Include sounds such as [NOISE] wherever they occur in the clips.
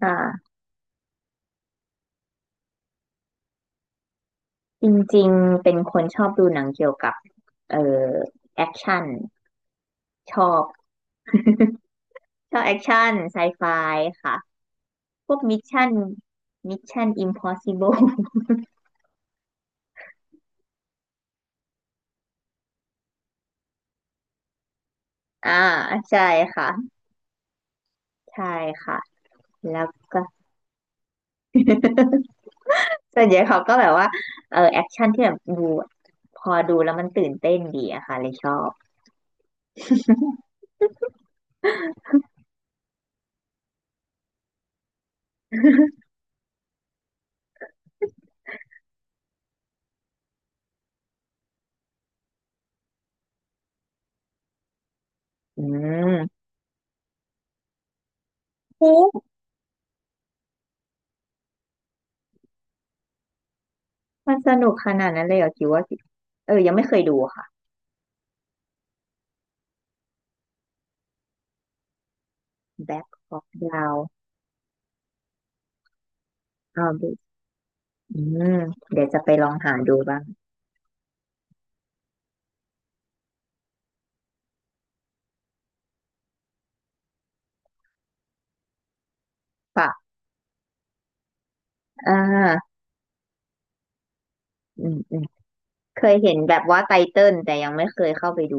ค่ะจริงๆเป็นคนชอบดูหนังเกี่ยวกับเอ่อแอคชั่นชอบชอบแอคชั่นไซไฟค่ะพวกมิชชั่นอิมพ [LAUGHS] อสิเบิล [LAUGHS] อ่าใช่ค่ะใช่ค่ะแล้วก็ [LAUGHS] ส่วนใหญ่เขาก็แบบว่าเออแอคชั่นที่แบบดูพอดูแล้วมันตื่นเต้นดีอะค่ะเลยชอบอืมโอ้มันสนุกขนาดนั้นเลยเหรอคิดว่าเออยังไม่เคยดูค่ะ Black Hawk Down อ่า อืมเดี๋ยวจะไปลองหาดูบ้างปะอ่าอืมอืมเคยเห็นแบบว่าไตเติ้ลแต่ยังไม่เคยเข้าไปดู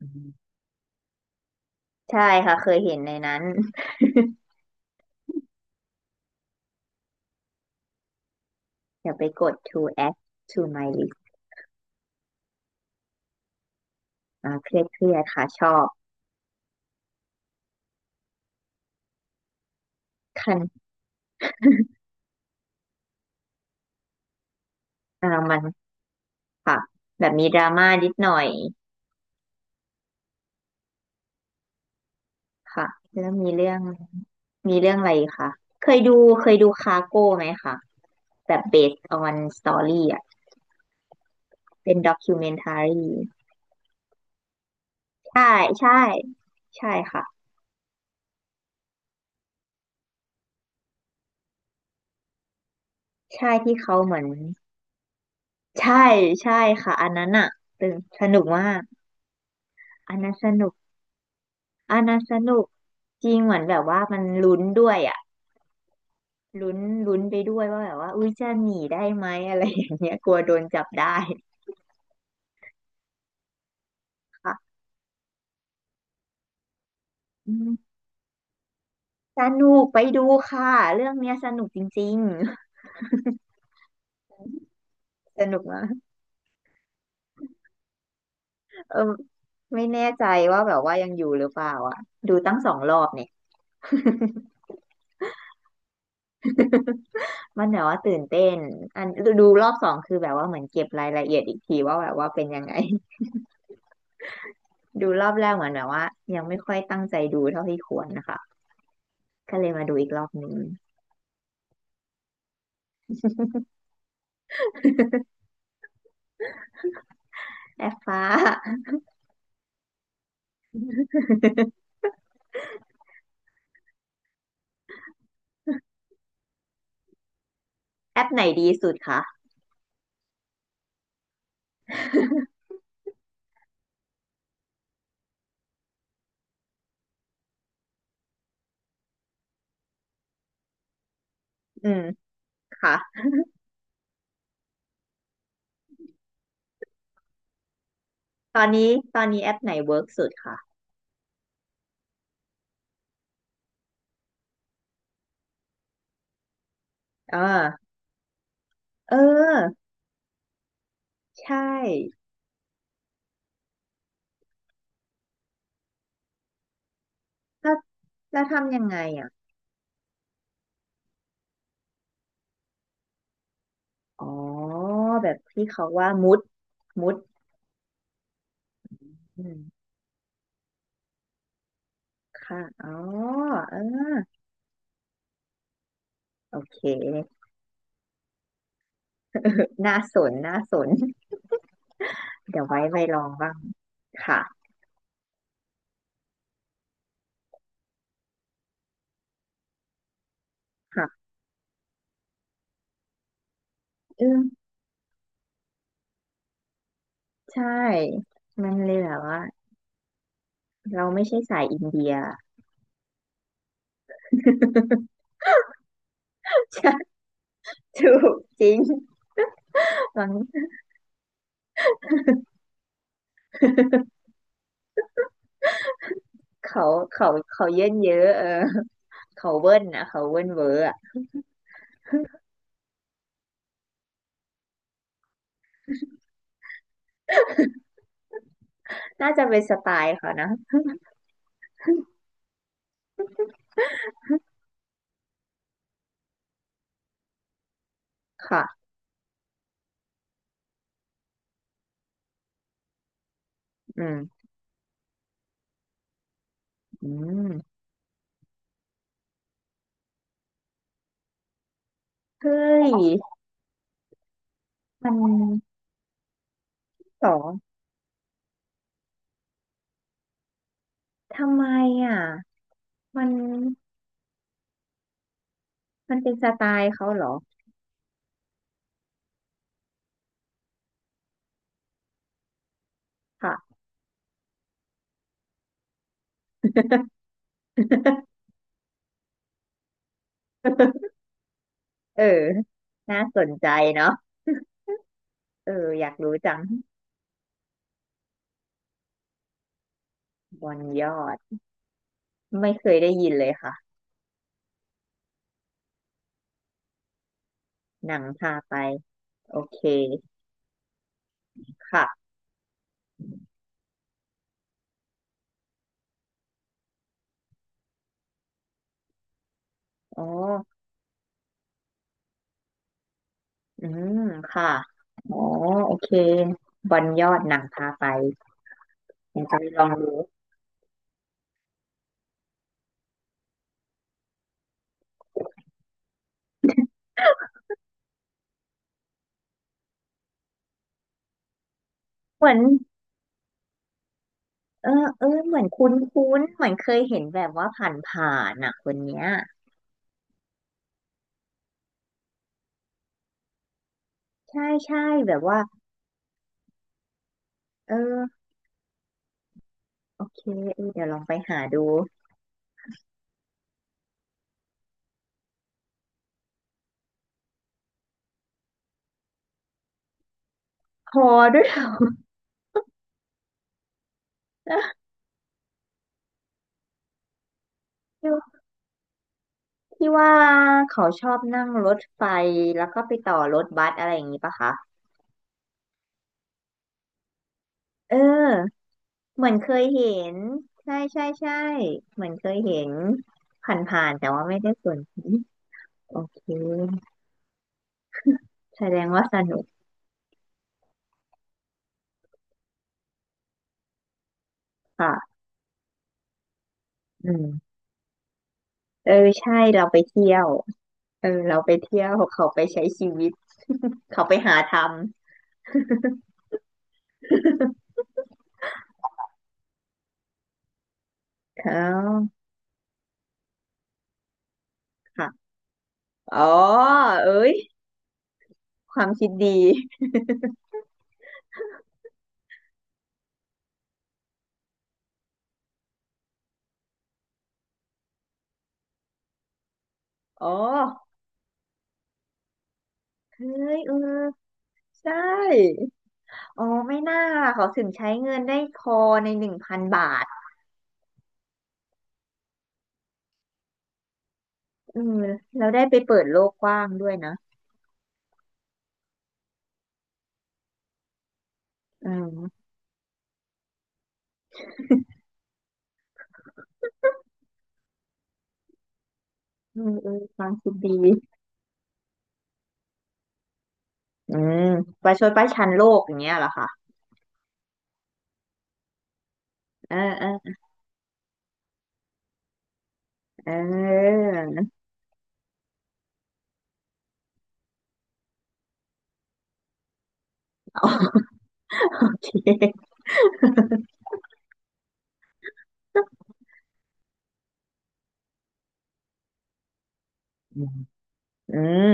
อืมใช่ค่ะเคยเห็นในนั้น [LAUGHS] เดี๋ยวไปกด to add to my list อ่าเครียดค่ะชอบคันอ่ามันค่ะแบบมีดราม่านิดหน่อยค่ะแล้วมีเรื่องอะไรอีกคะเคยดูเคยดูคาโก้ไหมคะแบบ based on story อ่ะเป็น documentary ใช่ใช่ใช่ค่ะ ใช่ที่เขาเหมือนใช่ใช่ค่ะอันนั้นอ่ะตึงสนุกมากอันนั้นสนุกอันนั้นสนุกจริงเหมือนแบบว่ามันลุ้นด้วยอ่ะลุ้นลุ้นไปด้วยว่าแบบว่าอุ้ยจะหนีได้ไหมอะไรอย่างเงี้ยกลัวโดนจับได้ค่ะอืมสนุกไปดูค่ะเรื่องเนี้ยสนุกจริงๆสนุกมากเออไม่แน่ใจว่าแบบว่ายังอยู่หรือเปล่าอ่ะดูตั้งสองรอบเนี่ยมันแบบว่าตื่นเต้นอันดูรอบสองคือแบบว่าเหมือนเก็บรายละเอียดอีกทีว่าแบบว่าเป็นยังไง ดูรอบแรกเหมือนแบบว่ายังไม่ค่อยตั้งใจดูเท่าที่ควรนะคะก็เลยมาดูอีกรอบหนึ่งแอปฟ้า [LAUGHS] แอปไหนดีสุดคะอืมค่ะตอนนี้ตอนนี้แอปไหนเวิร์กสุดคะเออเออใช่แล้วทำยังไงอ่ะอ๋อแบบที่เขาว่ามุดมุดอืมค่ะอ๋อเออโอเค [LAUGHS] น่าสนเดี๋ยวไว้ไปลองบ้างค่ะค่ะอืมใช่มันเลยแบบว่า เราไม่ใช่สายอินเดีย [LAUGHS] ใช่ถูกจริง [LAUGHS] หลัง [LAUGHS] เขาเขาเยินเยอะเออเขาเวิ้นนะเขาเวิ้นเวอร์อะน่าจะเป็นสไตล์เขานะค่ะอืมอืมเฮ้ยมันสองทำไมอ่ะมันมันเป็นสไตล์เขาเหรอค่ะเออน่าสนใจเนาะเอออยากรู้จังบนยอดไม่เคยได้ยินเลยค่ะหนังพาไปโอเคค่ะอ๋อ อืมค่ะอ๋อโอเคบอลยอดหนังพาไปเดี๋ยวจะไปลองดูเหมือนเออเออเหมือนคุ้นคุ้นเหมือนเคยเห็นแบบว่าผ่านอ่ะคนเนี้ยใช่แบบว่าเออโอเคเออเดี๋ยวลองไปหาดูพอด้วยเหรอที่ว่าที่ว่าเขาชอบนั่งรถไฟแล้วก็ไปต่อรถบัสอะไรอย่างนี้ปะคะเออเหมือนเคยเห็นใช่เหมือนเคยเห็นผ่านๆแต่ว่าไม่ได้สน โอเคแสดงว่าสนุกค่ะอืมเออใช่ เราไปเที่ยวเออเราไปเที่ยวเขาไปใช้ชีวิต [LAUGHS] เขาไปหาทำรขาค่ะอ๋อเอ้ยความคิดดีอ๋อเฮ้ยเออใช่อ๋อไม่น่าล่ะเขาถึงใช้เงินได้พอในหนึ่งพันบาทอืมเราได้ไปเปิดโลกกว้างด้วยนะอืมอืมเออความคิดดีอืมประชดประชันโลกอย่างเงี้ยเหรอคะเออ เออโอเคอืมอืม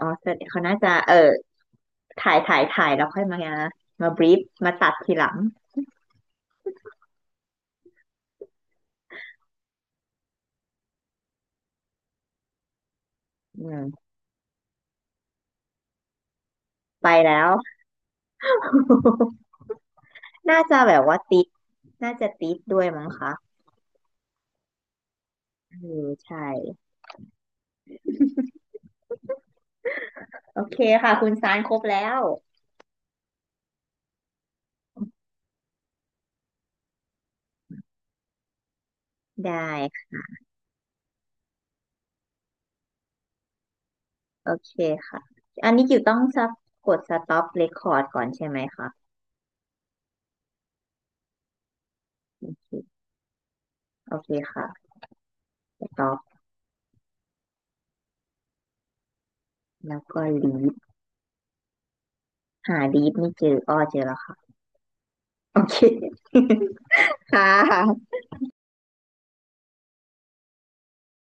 อ๋อเสดงเขา น่าจะเออถ่ายแล้วค่อยมามาบรีฟมาตัดทีหลัง อืมไปแล้ว [LAUGHS] น่าจะแบบว่าติด น่าจะติดด้วยมั้งคะเออใช่ โอเคค่ะ คุณซานครบแล้ว ได้ค่ะโอเคค่ะ อันนี้กิวต้องสะกด stop record ก่อนใช่ไหมคะโอเคโอเคค่ะ stop แล้วก็ leave หา leave ไม่เจออ้อเจอแล้วค่ะ โอเค ค่ะ